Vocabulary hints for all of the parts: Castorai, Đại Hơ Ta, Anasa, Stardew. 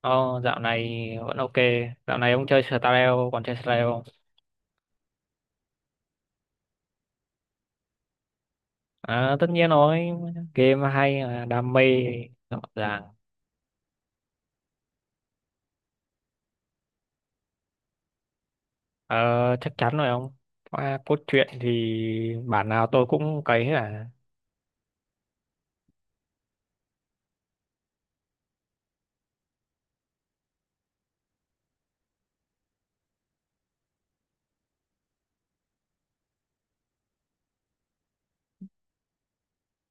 Ồ, dạo này vẫn ok. Dạo này ông chơi Stardew, còn chơi Stardew không? À, tất nhiên rồi, game hay, đam mê, rõ ràng. Ờ, Chắc chắn rồi ông. Qua cốt truyện thì bản nào tôi cũng cấy hết à.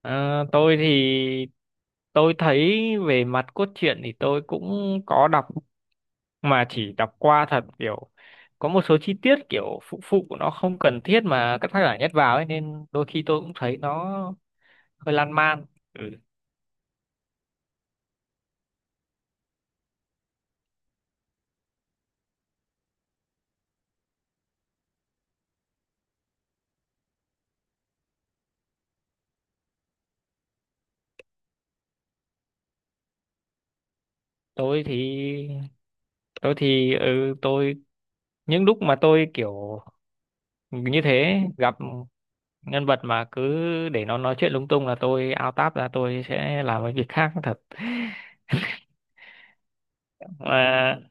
Ờ, tôi thì tôi thấy về mặt cốt truyện thì tôi cũng có đọc mà chỉ đọc qua thật, kiểu có một số chi tiết kiểu phụ phụ của nó không cần thiết mà các tác giả nhét vào ấy, nên đôi khi tôi cũng thấy nó hơi lan man. Ừ. tôi thì tôi những lúc mà tôi kiểu như thế gặp nhân vật mà cứ để nó nói chuyện lung tung là tôi out tab ra, tôi sẽ làm cái việc khác thật. Mà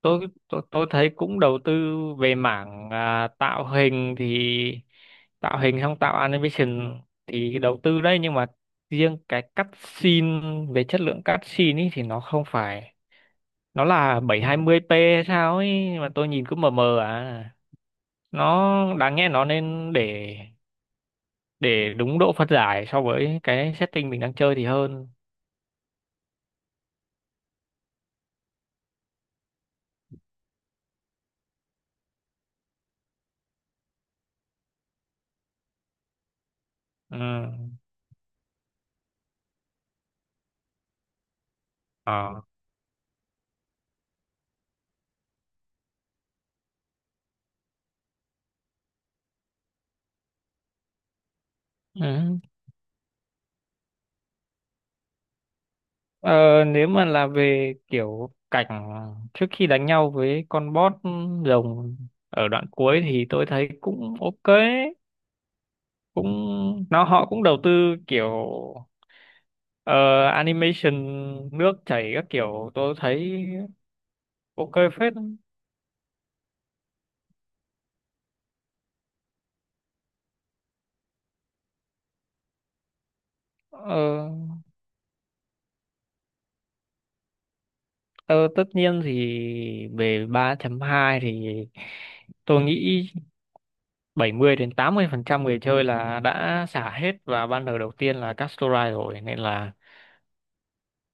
tôi thấy cũng đầu tư về mảng tạo hình thì tạo hình xong tạo animation thì đầu tư đấy, nhưng mà riêng cái cắt scene, về chất lượng cắt scene ý thì nó không phải, nó là 720p hay sao ấy mà tôi nhìn cứ mờ mờ à. Nó đáng nghe, nó nên để đúng độ phân giải so với cái setting mình đang chơi thì hơn. Ừ. Ờ. Ừ. Ờ, Nếu mà là về kiểu cảnh trước khi đánh nhau với con boss rồng ở đoạn cuối thì tôi thấy cũng ok. cũng nó họ cũng đầu tư kiểu ờ, animation nước chảy các kiểu, tôi thấy ok phết. Ờ, ờ, Tất nhiên thì về 3 hai thì tôi nghĩ 70 đến 80 phần trăm người chơi là đã xả hết vào banner đầu tiên là Castorai rồi, nên là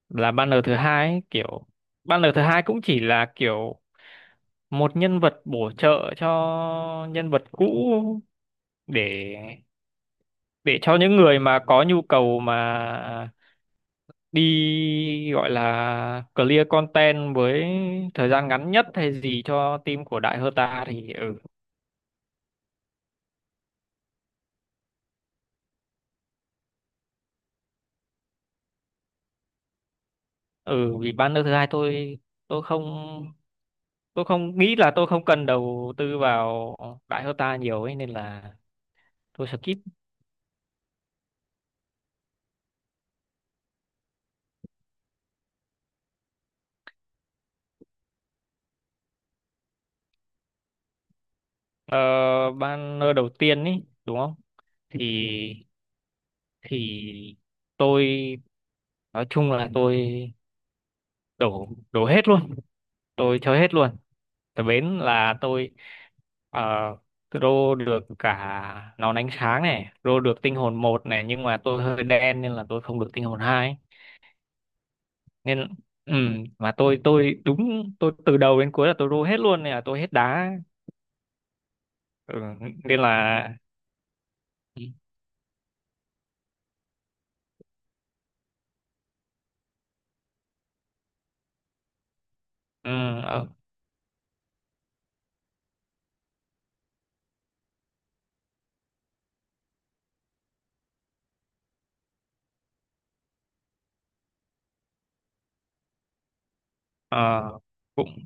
banner thứ hai ấy, kiểu banner thứ hai cũng chỉ là kiểu một nhân vật bổ trợ cho nhân vật cũ để cho những người mà có nhu cầu mà đi, gọi là clear content với thời gian ngắn nhất hay gì cho team của Đại Hơ Ta thì ừ. Ừ, vì banner thứ hai tôi không tôi không nghĩ là tôi không cần đầu tư vào Đại Hơ Ta nhiều ấy, nên là tôi skip. ờ, Banner đầu tiên ấy đúng không? Thì thì tôi nói chung là tôi đổ đổ hết luôn, tôi chơi hết luôn. Tại bến là tôi uh, rô được cả nón ánh sáng này, rô được tinh hồn 1 này, nhưng mà tôi hơi đen nên là tôi không được tinh hồn 2. Nên ừ, mà tôi đúng, tôi từ đầu đến cuối là tôi rô hết luôn nên là tôi hết đá. Ừ, nên là ừ, ờ, ờ, cũng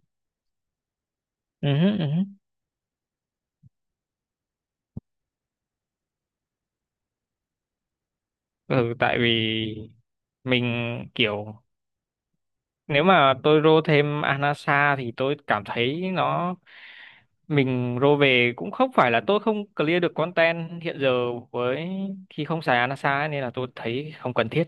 ừ, ừ, ừ, tại vì mình kiểu nếu mà tôi rô thêm Anasa thì tôi cảm thấy nó, mình rô về cũng không phải là tôi không clear được content hiện giờ với khi không xài Anasa ấy, nên là tôi thấy không cần thiết.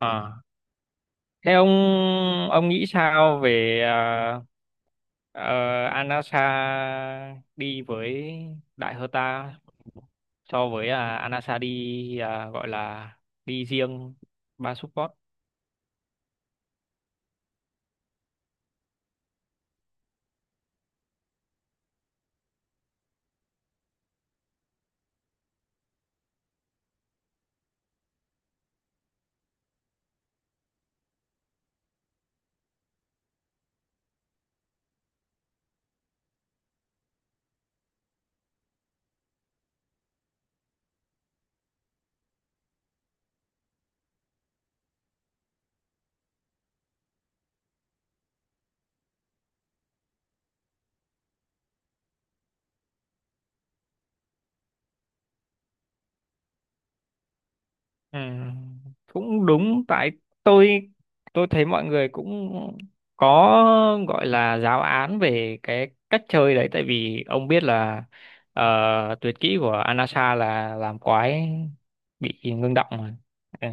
À. Thế ông nghĩ sao về ờ, Anasa đi với Đại Herta so với Anasa đi, gọi là đi riêng ba support? Ừ, cũng đúng. Tại tôi tôi thấy mọi người cũng có, gọi là giáo án về cái cách chơi đấy, tại vì ông biết là tuyệt kỹ của Anasa là làm quái bị ngưng động mà. Ừ.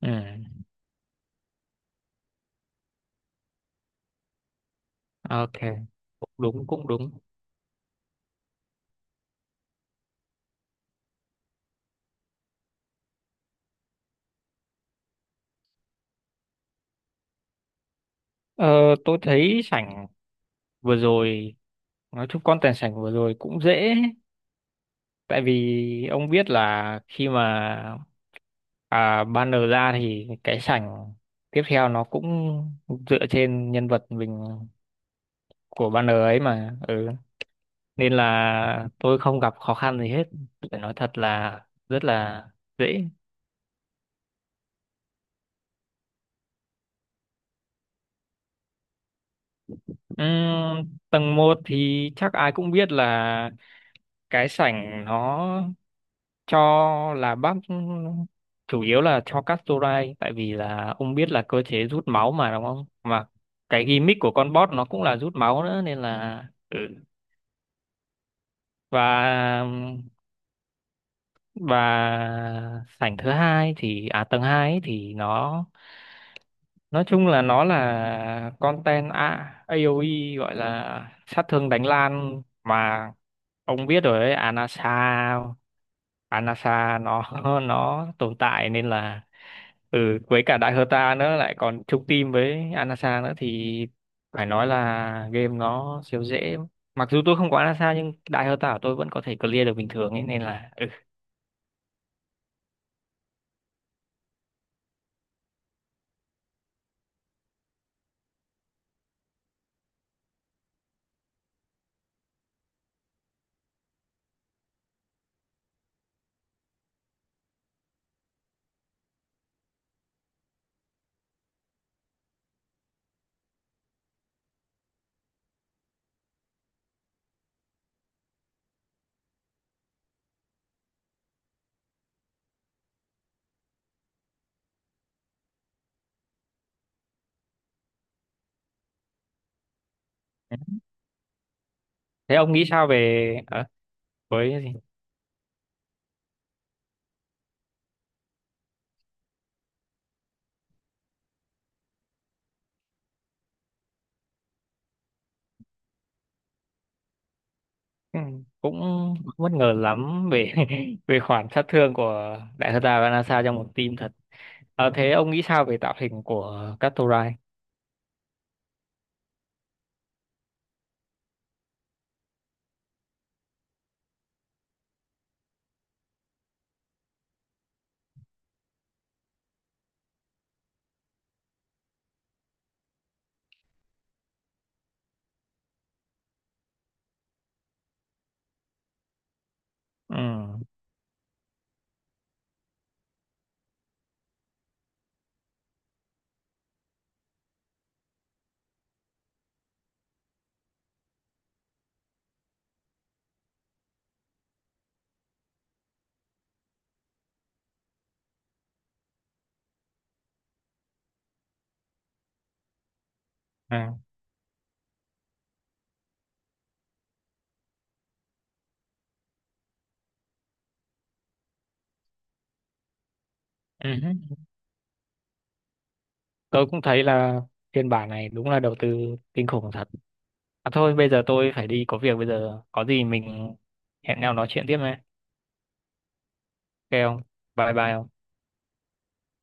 Ừ. Ok, cũng đúng, cũng đúng. Ờ, tôi thấy sảnh vừa rồi, nói chung content sảnh vừa rồi cũng dễ, tại vì ông biết là khi mà banner ra thì cái sảnh tiếp theo nó cũng dựa trên nhân vật mình của banner ấy mà. Ừ. Nên là tôi không gặp khó khăn gì hết, phải nói thật là rất là dễ. Tầng 1 thì chắc ai cũng biết là cái sảnh nó cho là bác, chủ yếu là cho Castorai, tại vì là ông biết là cơ chế rút máu mà đúng không, mà cái gimmick của con boss nó cũng là rút máu nữa nên là ừ. Và sảnh thứ hai thì à, tầng 2 ấy thì nó nói chung là nó là content AOE, gọi là sát thương đánh lan mà ông biết rồi ấy. Anasa, nó nó tồn tại nên là ừ, với cả Đại Herta nữa lại còn chung team với Anasa nữa thì phải nói là game nó siêu dễ. Mặc dù tôi không có Anasa nhưng Đại Herta của tôi vẫn có thể clear được bình thường ấy, nên là ừ. Thế ông nghĩ sao về với cái gì? Ừ, cũng bất ngờ lắm về về khoản sát thương của Đại Herta và Anasa trong một team thật. Ờ, thế ông nghĩ sao về tạo hình của Catorai? Ừ. À. Ừ. Tôi cũng thấy là phiên bản này đúng là đầu tư kinh khủng thật. À thôi, bây giờ tôi phải đi có việc, bây giờ có gì mình hẹn nhau nói chuyện tiếp nhé. Ok không, bye bye không